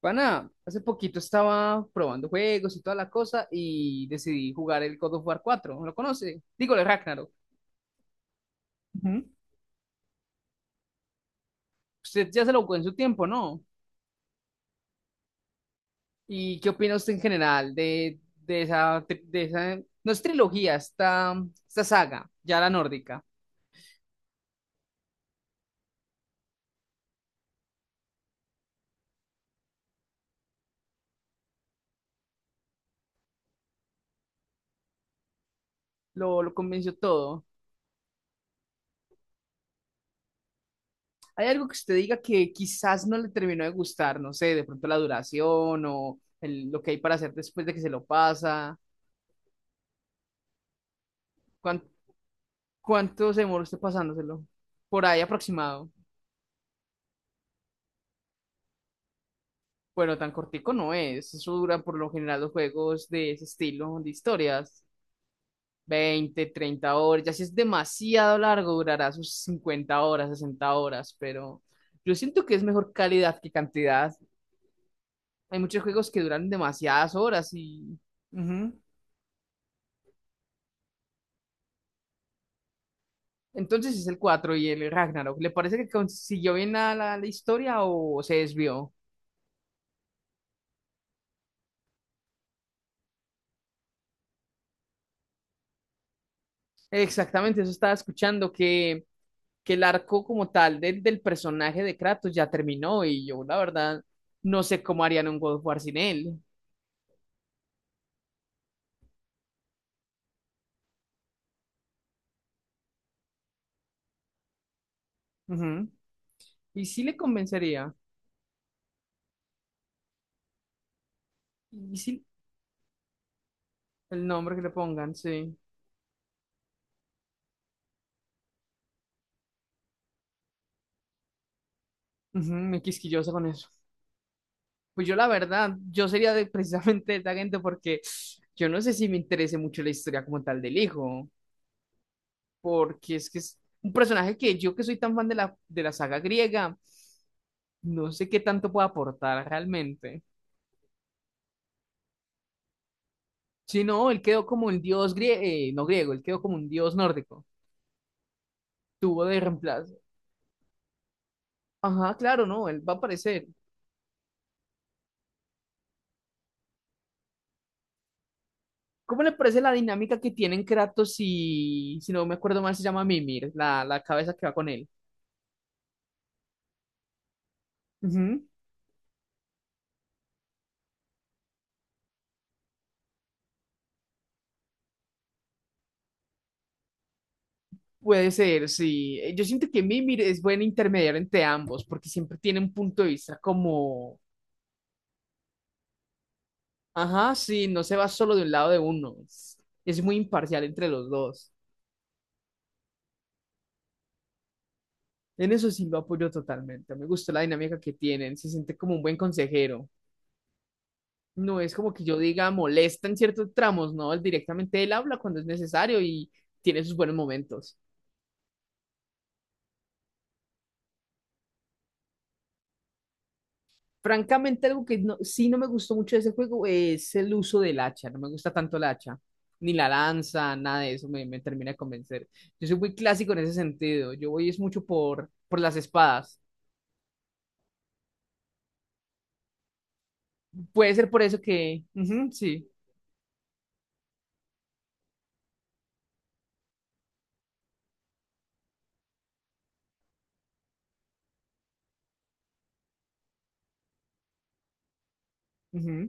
Pana, hace poquito estaba probando juegos y toda la cosa y decidí jugar el God of War 4. ¿Lo conoce? Digo, el Ragnarok. Ujú. Usted ya se lo jugó en su tiempo, ¿no? ¿Y qué opina usted en general de esa, no es trilogía, esta saga, ya la nórdica? Lo convenció todo. ¿Hay algo que usted diga que quizás no le terminó de gustar? No sé, de pronto la duración o lo que hay para hacer después de que se lo pasa. ¿Cuánto se demora usted pasándoselo? Por ahí aproximado. Bueno, tan cortico no es. Eso dura por lo general los juegos de ese estilo, de historias. 20, 30 horas. Ya si es demasiado largo, durará sus 50 horas, 60 horas. Pero yo siento que es mejor calidad que cantidad. Hay muchos juegos que duran demasiadas horas y... Ujú. Entonces es el 4 y el Ragnarok. ¿Le parece que consiguió bien la, la historia o se desvió? Exactamente, eso estaba escuchando, que el arco como tal del personaje de Kratos ya terminó y yo la verdad no sé cómo harían un God of War sin él. Ujú. Y sí le convencería. Y sí, el nombre que le pongan, sí. Ujú, muy quisquillosa con eso. Pues yo la verdad, yo sería de, precisamente de esa gente porque yo no sé si me interese mucho la historia como tal del hijo, porque es que es un personaje que yo que soy tan fan de la saga griega, no sé qué tanto puede aportar realmente. Sí, no, él quedó como un dios griego, no griego, él quedó como un dios nórdico. Tuvo de reemplazo. Ajá, claro, no, él va a aparecer. ¿Cómo le parece la dinámica que tienen Kratos y, si no me acuerdo mal, se llama Mimir, la cabeza que va con él? Ujú. Puede ser, sí. Yo siento que Mimir es buen intermediario entre ambos, porque siempre tiene un punto de vista como, ajá, sí, no se va solo de un lado de uno. Es muy imparcial entre los dos. En eso sí lo apoyo totalmente. Me gustó la dinámica que tienen. Se siente como un buen consejero. No es como que yo diga molesta en ciertos tramos, no, él directamente él habla cuando es necesario y tiene sus buenos momentos. Francamente, algo que sí no me gustó mucho de ese juego es el uso del hacha, no me gusta tanto el hacha, ni la lanza, nada de eso me termina de convencer. Yo soy muy clásico en ese sentido, yo voy es mucho por las espadas. Puede ser por eso que, ujú, sí, ujú.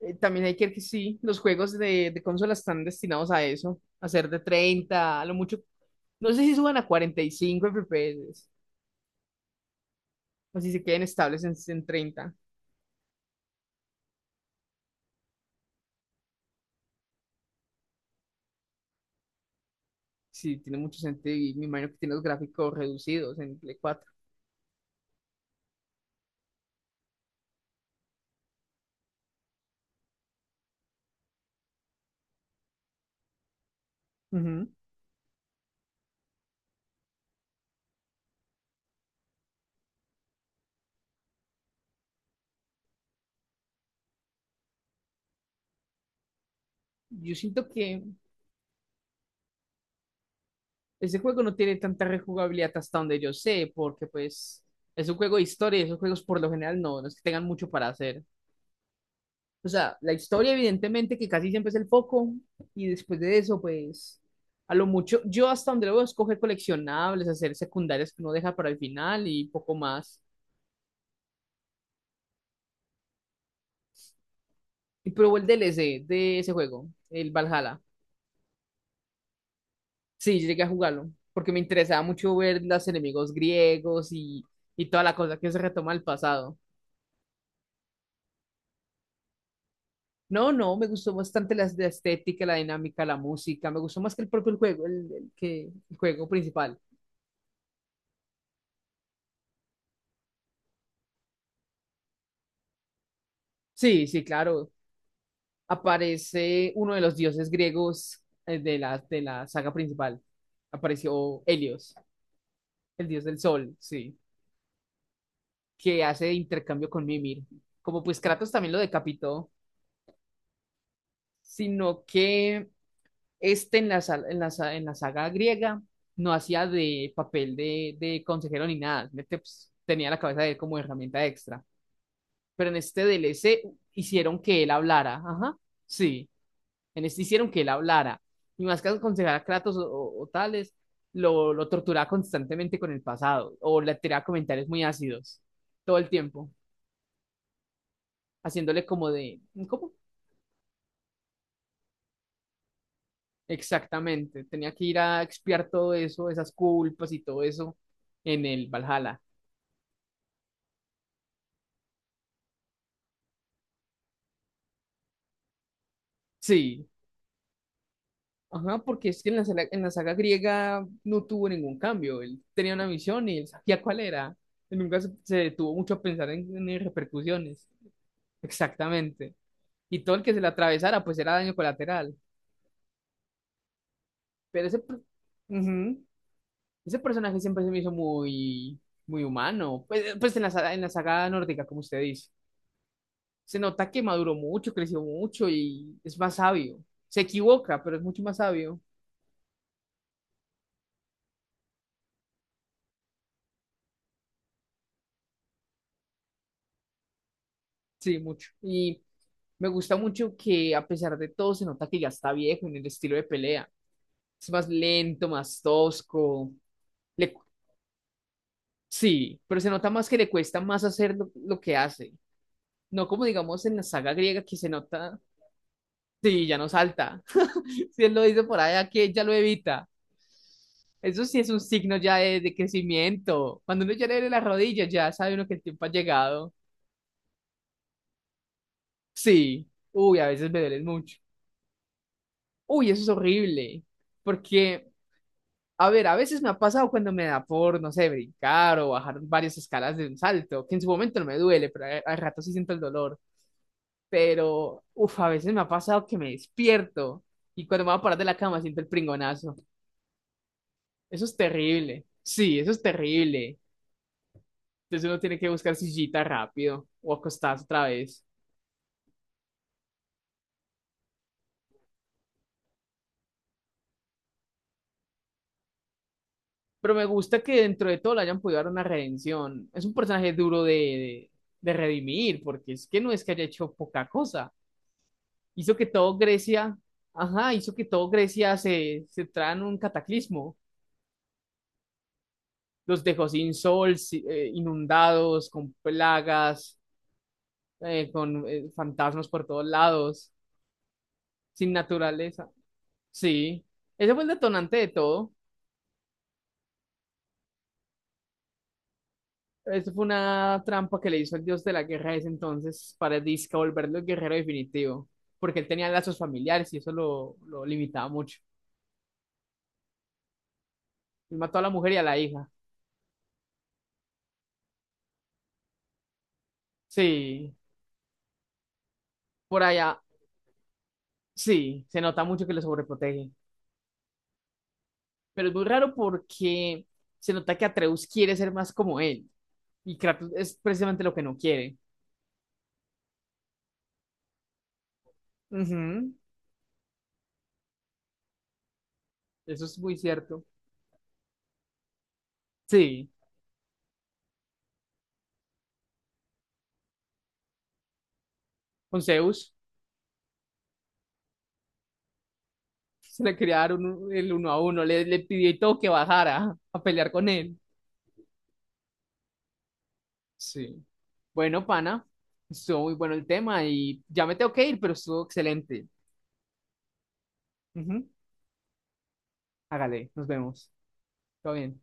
También hay que ver que sí, los juegos de consola están destinados a eso, a ser de 30 a lo mucho. No sé si suban a 45 FPS o si se queden estables en 30. Sí, tiene mucho sentido y me imagino que tiene los gráficos reducidos en Play cuatro. Ujú. Yo siento que ese juego no tiene tanta rejugabilidad hasta donde yo sé, porque pues es un juego de historia y esos juegos por lo general no, no es que tengan mucho para hacer. O sea, la historia evidentemente que casi siempre es el foco y después de eso, pues, a lo mucho, yo hasta donde voy a escoger coleccionables, hacer secundarias que uno deja para el final y poco más. Y probé el DLC de ese juego, el Valhalla. Sí, llegué a jugarlo porque me interesaba mucho ver los enemigos griegos y toda la cosa que se retoma del pasado. No, no, me gustó bastante la estética, la dinámica, la música. Me gustó más que el propio juego, el juego principal. Sí, sí, claro. Aparece uno de los dioses griegos de la saga principal. Apareció Helios, el dios del sol, sí, que hace intercambio con Mimir. Como pues Kratos también lo decapitó, sino que este en la, sal- en la, sa- en la saga griega no hacía de papel de consejero ni nada. Simplemente, pues, tenía la cabeza de él como herramienta extra. Pero en este DLC hicieron que él hablara. Ajá, sí. En este hicieron que él hablara. Y más que aconsejar a Kratos o tales, lo torturaba constantemente con el pasado. O le tiraba comentarios muy ácidos. Todo el tiempo. Haciéndole como de. ¿Cómo? Exactamente. Tenía que ir a expiar todo eso, esas culpas y todo eso en el Valhalla. Sí. Ajá, porque es que en la saga griega no tuvo ningún cambio. Él tenía una misión y él sabía cuál era. Él nunca se detuvo mucho a pensar en repercusiones. Exactamente. Y todo el que se le atravesara, pues era daño colateral. Pero ujú, ese personaje siempre se me hizo muy, muy humano. Pues en la saga nórdica, como usted dice, se nota que maduró mucho, creció mucho y es más sabio. Se equivoca, pero es mucho más sabio. Sí, mucho. Y me gusta mucho que a pesar de todo se nota que ya está viejo en el estilo de pelea. Es más lento, más tosco. Le, sí, pero se nota más que le cuesta más hacer lo que hace. No como digamos en la saga griega que se nota, sí, ya no salta. Si él lo dice por allá que ya lo evita. Eso sí es un signo ya de crecimiento. Cuando uno ya le duele las rodillas, ya sabe uno que el tiempo ha llegado. Sí. Uy, a veces me duele mucho. Uy, eso es horrible. Porque, a ver, a veces me ha pasado cuando me da por, no sé, brincar o bajar varias escalas de un salto, que en su momento no me duele, pero al rato sí siento el dolor. Pero uf a veces me ha pasado que me despierto y cuando me voy a parar de la cama siento el pringonazo. Eso es terrible. Sí, eso es terrible. Entonces uno tiene que buscar sillita rápido o acostarse otra vez. Pero me gusta que dentro de todo le hayan podido dar una redención. Es un personaje duro de redimir, porque es que no es que haya hecho poca cosa. Hizo que todo Grecia, ajá, hizo que todo Grecia se entrara en un cataclismo. Los dejó sin sol, inundados, con plagas con fantasmas por todos lados, sin naturaleza. Sí, ese fue el detonante de todo. Eso fue una trampa que le hizo el dios de la guerra ese entonces para disque volverlo el guerrero definitivo, porque él tenía lazos familiares y eso lo limitaba mucho. Él mató a la mujer y a la hija. Sí, por allá, sí, se nota mucho que lo sobreprotege, pero es muy raro porque se nota que Atreus quiere ser más como él y Kratos es precisamente lo que no quiere. Ujú, eso es muy cierto. Sí. Con Zeus, se le quería dar el uno a uno, le pidió y todo que bajara a pelear con él. Sí. Bueno, pana, estuvo muy bueno el tema y ya me tengo que ir, pero estuvo excelente. Ujú. Hágale, nos vemos. Todo bien.